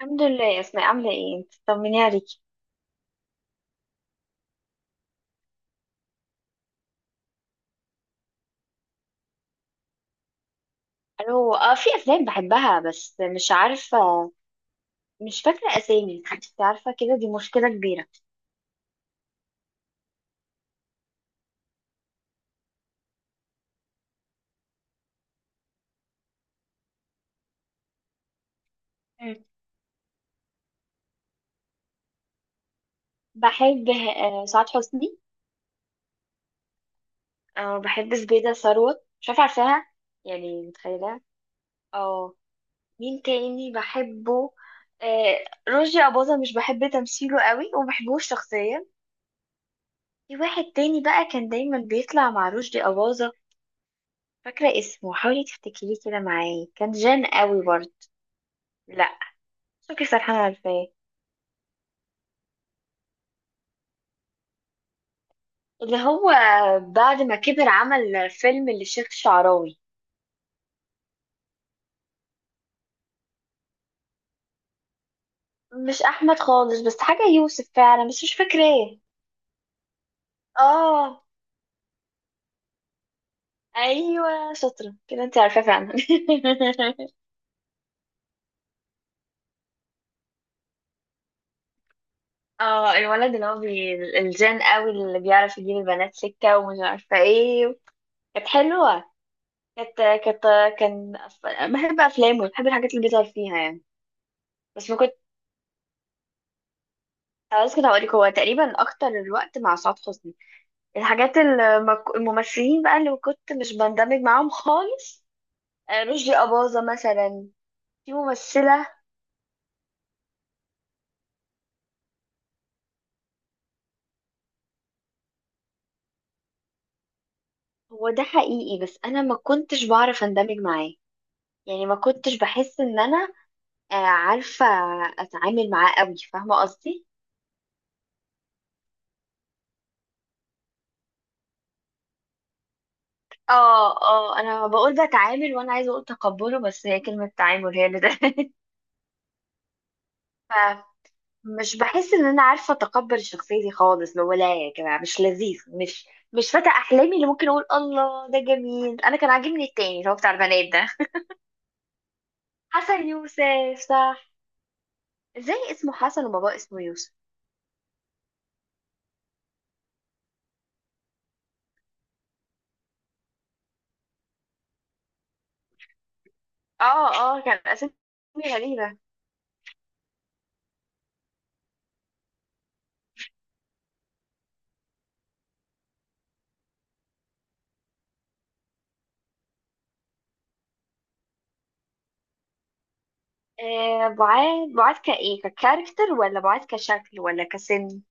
الحمد لله يا اسماء، عامله ايه؟ انت طمني عليكي. الو، اه، في افلام بحبها بس مش عارفه، مش فاكره اسامي. انت عارفه كده، دي مشكله كبيره. مم. بحب سعاد حسني. اه بحب زبيده ثروت، مش عارفه عارفاها؟ يعني متخيله. اه، مين تاني بحبه؟ رشدي اباظه، مش بحب تمثيله قوي وما بحبوش شخصيا. في واحد تاني بقى كان دايما بيطلع مع رشدي اباظه. فاكره اسمه، حاولي تفتكريه كده معايا، كان جان قوي برضه. لا مش فاكر، سرحانة ولا ايه؟ اللي هو بعد ما كبر عمل فيلم للشيخ الشعراوي. مش احمد خالص، بس حاجة يوسف فعلا، بس مش فاكرة ايه. اه ايوه، شاطره كده، انت عارفة فعلا. اه، الولد اللي هو بي... الجان قوي اللي بيعرف يجيب البنات سكه ومش عارفه ايه. كانت حلوه. كانت كانت كان بحب افلامه، بحب الحاجات اللي بيظهر فيها يعني. بس ما كنت. خلاص كده هقولك، هو تقريبا اكتر الوقت مع سعاد حسني. الحاجات اللي ما ك- الممثلين بقى اللي كنت مش بندمج معاهم خالص، رشدي أباظة مثلا. في ممثلة. هو ده حقيقي، بس أنا ما كنتش بعرف أندمج معاه. يعني ما كنتش بحس إن أنا، عارفة، أتعامل معاه قوي، فاهمة قصدي؟ اه اه، انا بقول بتعامل وانا عايزه اقول تقبله، بس هي كلمه تعامل هي اللي ده. مش بحس ان انا عارفه اتقبل شخصيتي خالص، ولا يا جماعه مش لذيذ، مش مش فتى احلامي اللي ممكن اقول الله ده جميل. انا كان عاجبني التاني اللي هو بتاع البنات ده. حسن يوسف، صح. ازاي اسمه حسن وباباه اسمه يوسف؟ اه اه، كان اسامي غريبه. آه بعاد، بعاد كايه، ككاركتر ولا بعاد كشكل ولا كسن؟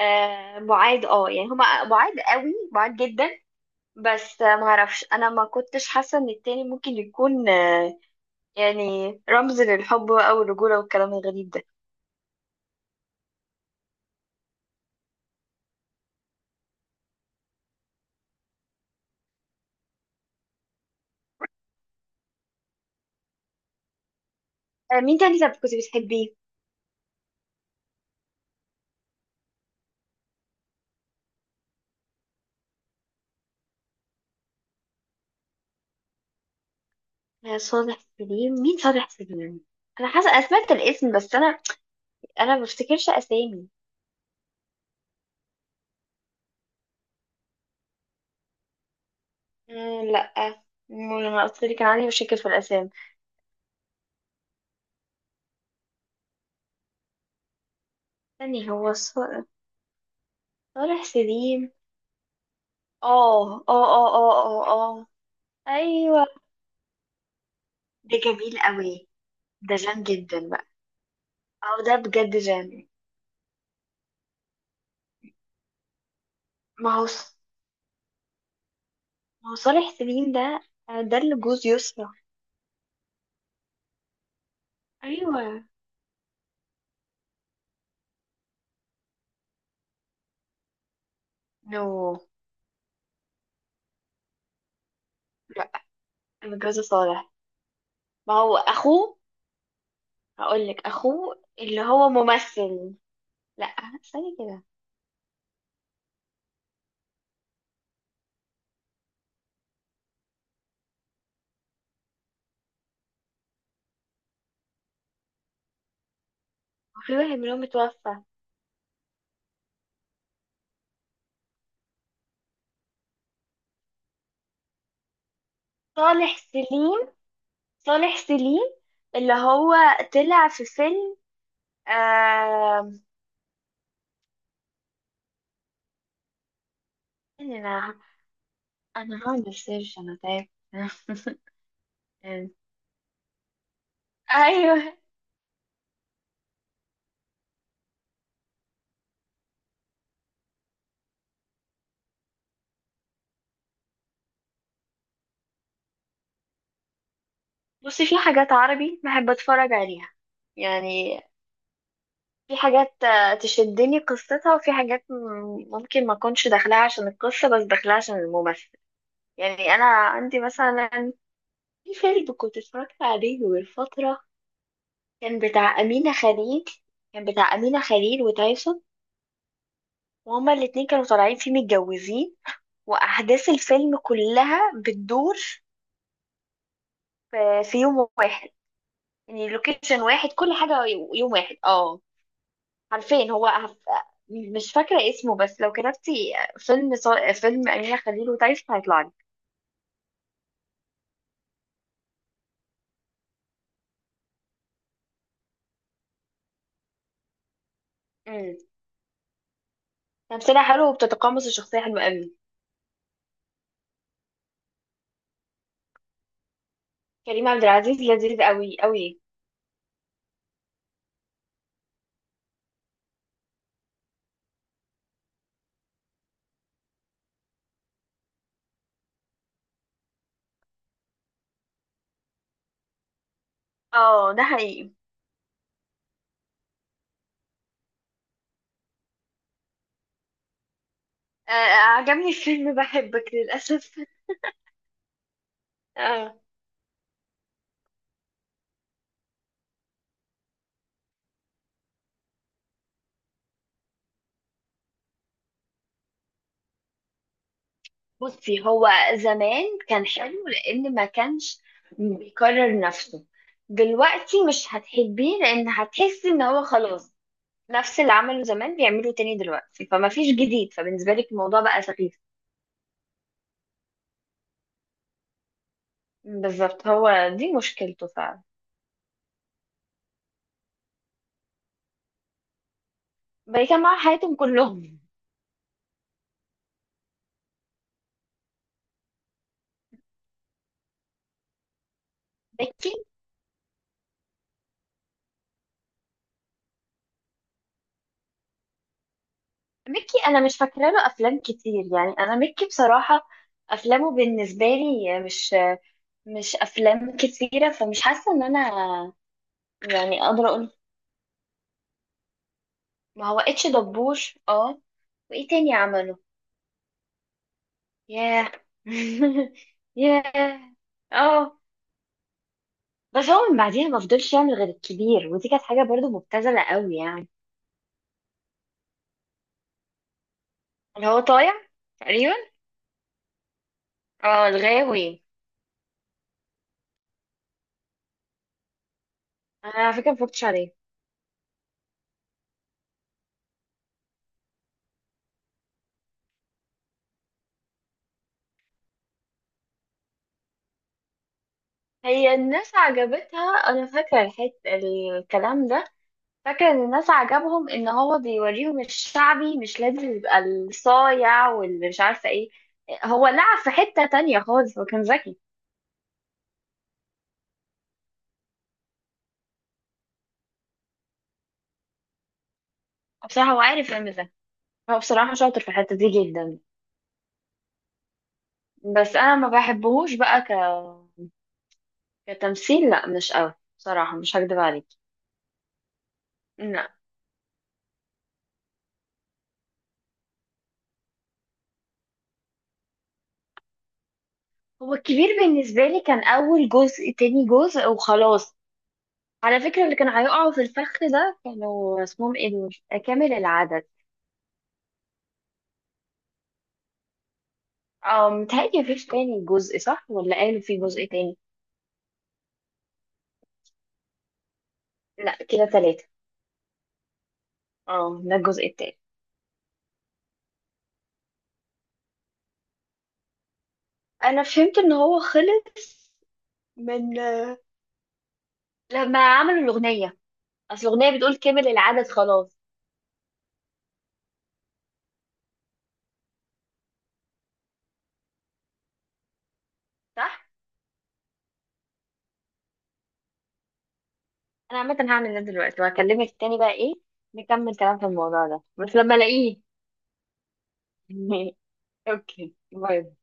آه بعاد، اه يعني هما بعاد قوي، بعاد جدا. بس معرفش، انا ما كنتش حاسه ان التاني ممكن يكون، يعني رمز للحب بقى والرجولة والكلام الغريب ده. مين تاني طب كنت بتحبيه؟ صالح سليم، مين صالح سليم؟ أنا حاسة أنا سمعت الاسم، بس أنا، أنا ما بفتكرش أسامي. مم، لأ. مم، لما قلت لي كان عندي مشاكل في الأسامي. تاني هو صالح سليم؟ اه اه اه اه اه اه، أيوه. ده جميل قوي. ده جامد جدا بقى. اه ده بجد جامد. ما هو ص- ما هو صالح سليم ده، ده اللي جوز يسرا. أيوه. نو، متجوزة صالح، ما هو أخوه. هقول لك أخوه اللي هو ممثل. لا استني كده. هو في واحد منهم متوفى. صالح سليم صالح سليم اللي هو طلع في فيلم آه... أنا، أنا هعمل سيرش، أنا تعبت. أيوه. بصي في حاجات عربي بحب أتفرج عليها، يعني في حاجات تشدني قصتها، وفي حاجات ممكن ما أكونش داخلها عشان القصة بس داخلها عشان الممثل. يعني انا عندي مثلا، في فيلم كنت اتفرجت عليه من فتره، كان بتاع امينه خليل. كان بتاع امينه خليل وتايسون، وهما الاتنين كانوا طالعين فيه متجوزين. واحداث الفيلم كلها بتدور في في يوم واحد، يعني لوكيشن واحد كل حاجه، يوم واحد اه. عارفين هو مش فاكره اسمه، بس لو كتبتي فيلم فيلم امينه خليل وتايسون هيطلع لك. امم، تمثيلها حلو وبتتقمص الشخصيه حلوه قوي. كريم عبد العزيز لذيذ قوي قوي. اه ده حقيقي. عجبني الفيلم بحبك للأسف. اه، بصي هو زمان كان حلو، لأن ما كانش بيكرر نفسه. دلوقتي مش هتحبيه لأن هتحسي إن هو خلاص نفس اللي عمله زمان بيعمله تاني دلوقتي، فما فيش جديد، فبالنسبة لك الموضوع بقى سخيف. بالظبط، هو دي مشكلته فعلا، بقى كان مع حياتهم كلهم. ميكي، ميكي أنا مش فاكرة له أفلام كتير، يعني أنا ميكي بصراحة أفلامه بالنسبة لي مش، مش افلام كتيره، فمش حاسه ان انا يعني اقدر اقول. ما هو اتش دبور اه. وايه تاني عمله؟ ياه. ياه اه. بس هو من بعديها ما فضلش يعمل غير الكبير، ودي كانت حاجه برضو مبتذله قوي يعني. اللي هو طايع، تقريبا. اه الغاوي. انا على فكره مفكرتش عليه. هي الناس عجبتها. انا فاكره الحته الكلام ده. فاكرة ان الناس عجبهم ان هو بيوريهم الشعبي مش لازم يبقى الصايع واللي مش عارفة ايه. هو لعب في حتة تانية خالص، هو كان ذكي. بصراحة هو عارف يعمل ده. هو بصراحة شاطر في الحتة دي جدا. بس انا ما بحبهوش بقى ك... كتمثيل، لا مش قوي بصراحة، مش هكدب عليك. لا. هو الكبير بالنسبة لي كان اول جزء تاني جزء وخلاص. على فكرة اللي كانوا هيقعوا في الفخ ده كانوا اسمهم ايه دول، كامل العدد. اه متهيألي مفيش تاني جزء، صح؟ ولا قالوا في جزء تاني؟ لا كده تلاتة. اه ده الجزء التاني. انا فهمت ان هو خلص من لما عملوا الاغنية. اصل الاغنية بتقول كمل العدد خلاص. صح. انا عامة هعمل ده دلوقتي وهكلمك تاني، بقى ايه، نكمل كلام في الموضوع ده بس لما الاقيه. اوكي، باي.